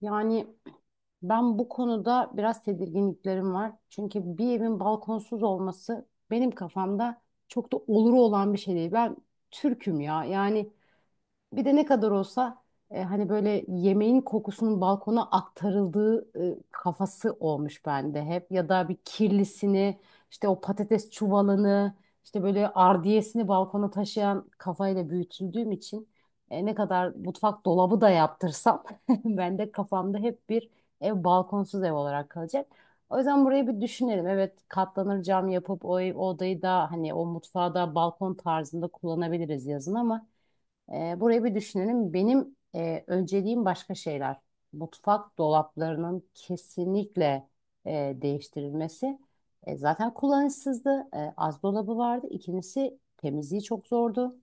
Yani ben bu konuda biraz tedirginliklerim var. Çünkü bir evin balkonsuz olması benim kafamda çok da oluru olan bir şey değil. Ben Türk'üm ya. Yani bir de ne kadar olsa hani böyle yemeğin kokusunun balkona aktarıldığı kafası olmuş bende hep. Ya da bir kirlisini işte o patates çuvalını işte böyle ardiyesini balkona taşıyan kafayla büyütüldüğüm için ne kadar mutfak dolabı da yaptırsam ben de kafamda hep bir ev balkonsuz ev olarak kalacak. O yüzden burayı bir düşünelim. Evet, katlanır cam yapıp o odayı da hani o mutfağı da balkon tarzında kullanabiliriz yazın, ama burayı bir düşünelim. Benim önceliğim başka şeyler. Mutfak dolaplarının kesinlikle değiştirilmesi. Zaten kullanışsızdı. Az dolabı vardı. İkincisi, temizliği çok zordu.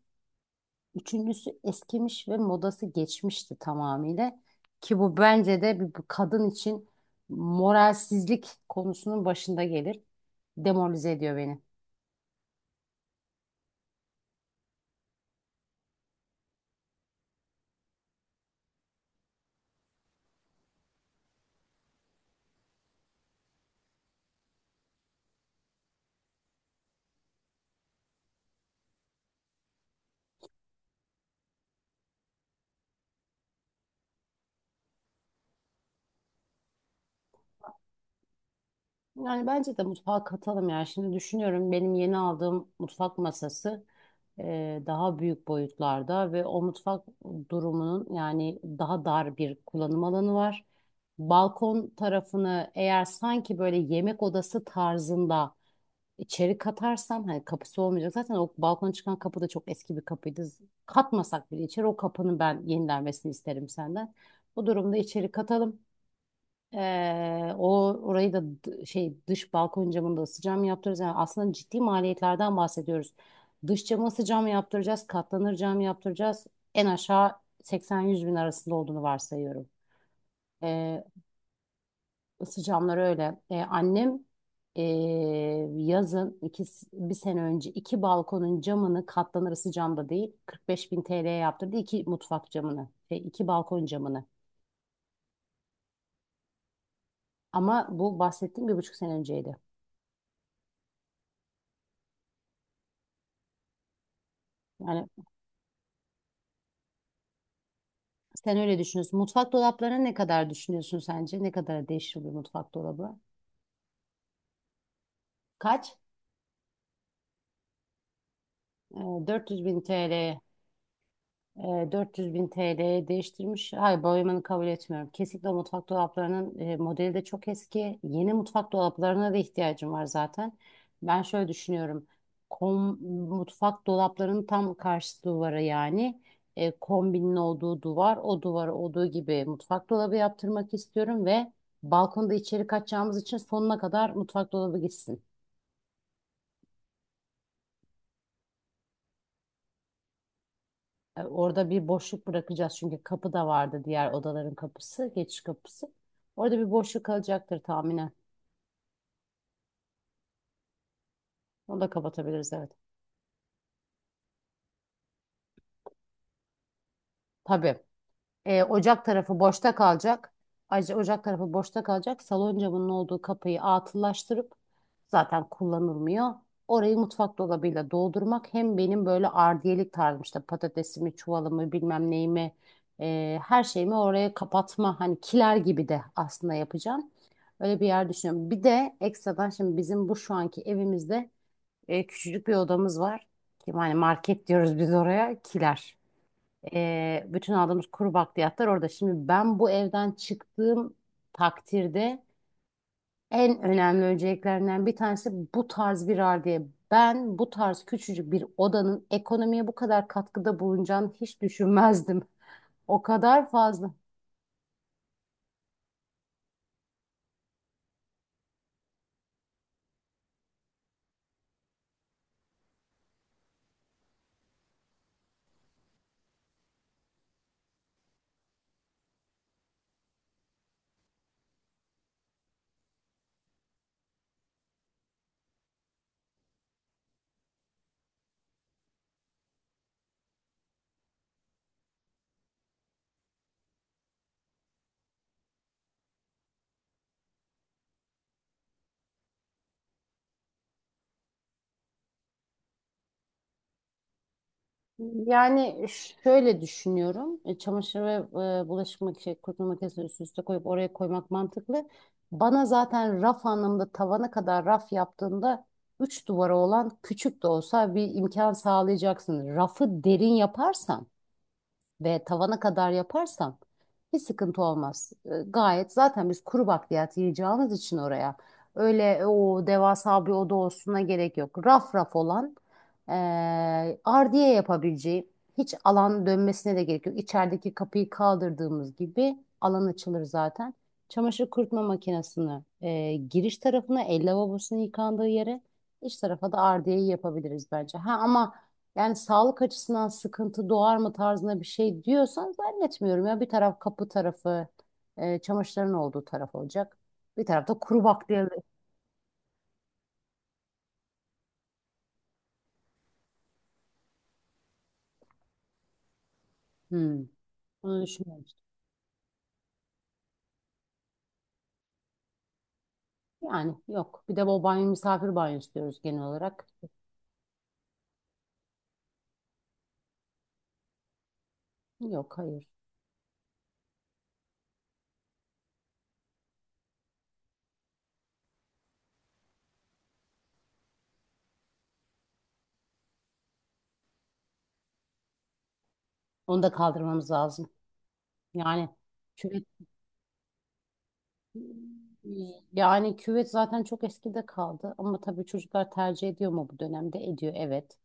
Üçüncüsü, eskimiş ve modası geçmişti tamamıyla. Ki bu bence de bir kadın için moralsizlik konusunun başında gelir. Demoralize ediyor beni. Yani bence de mutfağa katalım ya. Şimdi düşünüyorum, benim yeni aldığım mutfak masası daha büyük boyutlarda ve o mutfak durumunun yani daha dar bir kullanım alanı var. Balkon tarafını eğer sanki böyle yemek odası tarzında içeri katarsam hani kapısı olmayacak. Zaten o balkona çıkan kapı da çok eski bir kapıydı. Katmasak bile içeri, o kapının ben yenilenmesini isterim senden. Bu durumda içeri katalım. O orayı da dış balkon camını da ısı cam yaptıracağız. Yani aslında ciddi maliyetlerden bahsediyoruz. Dış camı ısı cam yaptıracağız, katlanır cam yaptıracağız. En aşağı 80-100 bin arasında olduğunu varsayıyorum. Ee, ısı camları öyle. Annem ee, yazın bir sene önce iki balkonun camını katlanır ısı camda değil 45 bin TL'ye yaptırdı. İki mutfak camını, şey, iki balkon camını. Ama bu bahsettiğim bir buçuk sene önceydi. Yani sen öyle düşünüyorsun. Mutfak dolaplarına ne kadar düşünüyorsun sence? Ne kadar değişir bir mutfak dolabı? Kaç? 400 bin TL. E, 400 bin TL'ye değiştirmiş. Hayır, boyamanı kabul etmiyorum. Kesinlikle o mutfak dolaplarının modeli de çok eski. Yeni mutfak dolaplarına da ihtiyacım var zaten. Ben şöyle düşünüyorum. Kom, mutfak dolaplarının tam karşı duvara, yani kombinin olduğu duvar, o duvara olduğu gibi mutfak dolabı yaptırmak istiyorum ve balkonda içeri kaçacağımız için sonuna kadar mutfak dolabı gitsin. Orada bir boşluk bırakacağız, çünkü kapı da vardı, diğer odaların kapısı, geçiş kapısı. Orada bir boşluk kalacaktır tahminen. Onu da kapatabiliriz, evet. Tabii. Ocak tarafı boşta kalacak. Ayrıca ocak tarafı boşta kalacak. Salon camının olduğu kapıyı atıllaştırıp, zaten kullanılmıyor. Orayı mutfak dolabıyla doldurmak hem benim böyle ardiyelik tarzım, işte patatesimi, çuvalımı, bilmem neyimi, her şeyimi oraya kapatma, hani kiler gibi de aslında yapacağım. Öyle bir yer düşünüyorum. Bir de ekstradan, şimdi bizim bu şu anki evimizde küçücük bir odamız var. Ki hani market diyoruz biz oraya, kiler. Bütün aldığımız kuru bakliyatlar orada. Şimdi ben bu evden çıktığım takdirde en önemli önceliklerinden bir tanesi bu tarz bir halde. Ben bu tarz küçücük bir odanın ekonomiye bu kadar katkıda bulunacağını hiç düşünmezdim. O kadar fazla. Yani şöyle düşünüyorum. Çamaşır ve bulaşık makinesi, kurutma makinesini üst üste koyup oraya koymak mantıklı. Bana zaten raf anlamında tavana kadar raf yaptığında üç duvara olan küçük de olsa bir imkan sağlayacaksın. Rafı derin yaparsan ve tavana kadar yaparsam hiç sıkıntı olmaz. Gayet, zaten biz kuru bakliyat yiyeceğimiz için oraya öyle o devasa bir oda olsuna gerek yok. Raf raf olan e, ardiye yapabileceği hiç alan dönmesine de gerek yok. İçerideki kapıyı kaldırdığımız gibi alan açılır zaten. Çamaşır kurutma makinesini giriş tarafına, el lavabosunun yıkandığı yere, iç tarafa da ardiyeyi yapabiliriz bence. Ha ama yani sağlık açısından sıkıntı doğar mı tarzında bir şey diyorsan, zannetmiyorum ya. Bir taraf kapı tarafı, çamaşırların olduğu taraf olacak. Bir tarafta kuru bakliyat. Hmm. Bunu düşünmemiştim. Yani yok. Bir de o banyo, misafir banyosu diyoruz genel olarak. Yok, hayır. Onu da kaldırmamız lazım. Yani küvet, yani küvet zaten çok eskide kaldı, ama tabii çocuklar tercih ediyor mu bu dönemde? Ediyor, evet.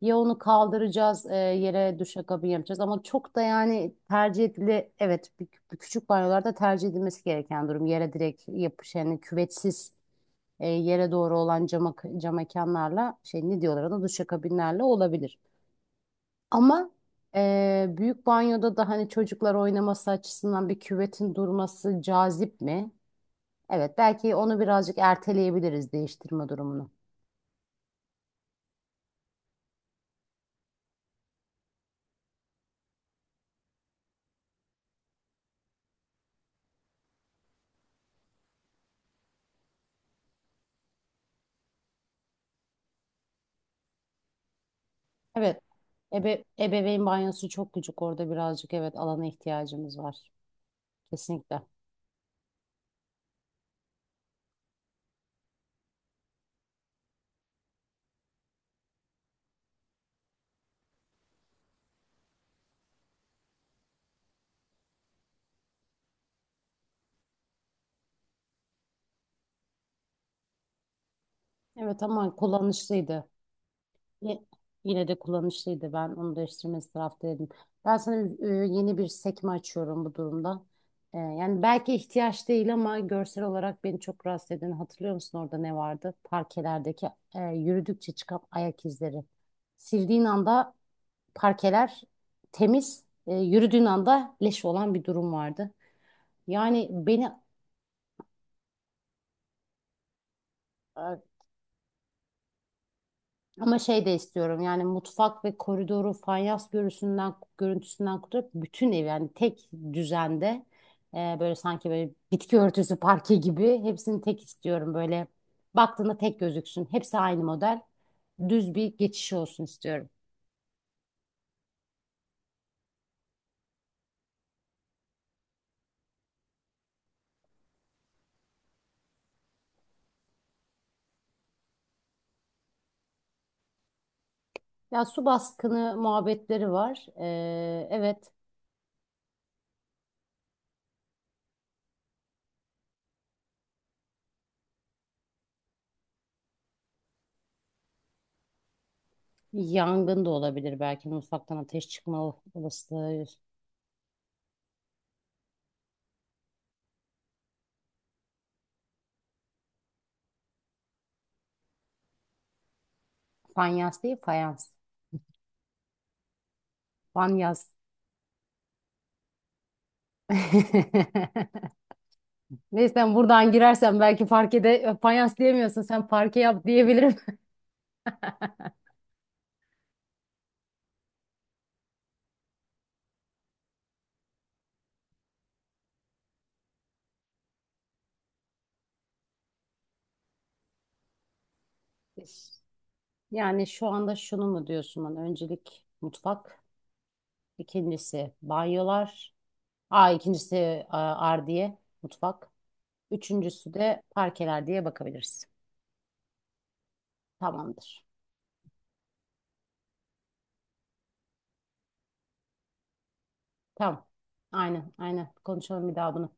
Ya onu kaldıracağız, yere duşakabin yapacağız, ama çok da yani tercih edili evet, bir küçük banyolarda tercih edilmesi gereken durum yere direkt yapış, yani küvetsiz yere doğru olan cama, cam mekanlarla şey ne diyorlar ona, duşakabinlerle olabilir. Ama büyük banyoda da hani çocuklar oynaması açısından bir küvetin durması cazip mi? Evet, belki onu birazcık erteleyebiliriz değiştirme durumunu. Evet. Ebeveyn banyosu çok küçük, orada birazcık evet alana ihtiyacımız var. Kesinlikle. Evet, ama kullanışlıydı. Ye- yine de kullanışlıydı. Ben onu değiştirmesi taraftaydım. Ben sana yeni bir sekme açıyorum bu durumda. Yani belki ihtiyaç değil ama görsel olarak beni çok rahatsız eden, hatırlıyor musun orada ne vardı? Parkelerdeki yürüdükçe çıkan ayak izleri. Sildiğin anda parkeler temiz, yürüdüğün anda leş olan bir durum vardı. Yani beni. Ay, ama şey de istiyorum, yani mutfak ve koridoru fayans görüntüsünden kurtarıp bütün ev yani tek düzende böyle sanki böyle bitki örtüsü parke gibi hepsini tek istiyorum, böyle baktığında tek gözüksün. Hepsi aynı model, düz bir geçiş olsun istiyorum. Ya su baskını muhabbetleri var. Evet, yangın da olabilir, belki mutfaktan ateş çıkma olasılığı. Fayans değil, fayans, fanyas. Neyse sen buradan girersen belki parkede fayans diyemiyorsun. Sen parke yap diyebilirim. Yani şu anda şunu mu diyorsun bana? Öncelik mutfak, ikincisi banyolar, aa ikincisi a, ardiye mutfak, üçüncüsü de parkeler diye bakabiliriz. Tamamdır. Tamam. Aynen, aynen. Konuşalım bir daha bunu.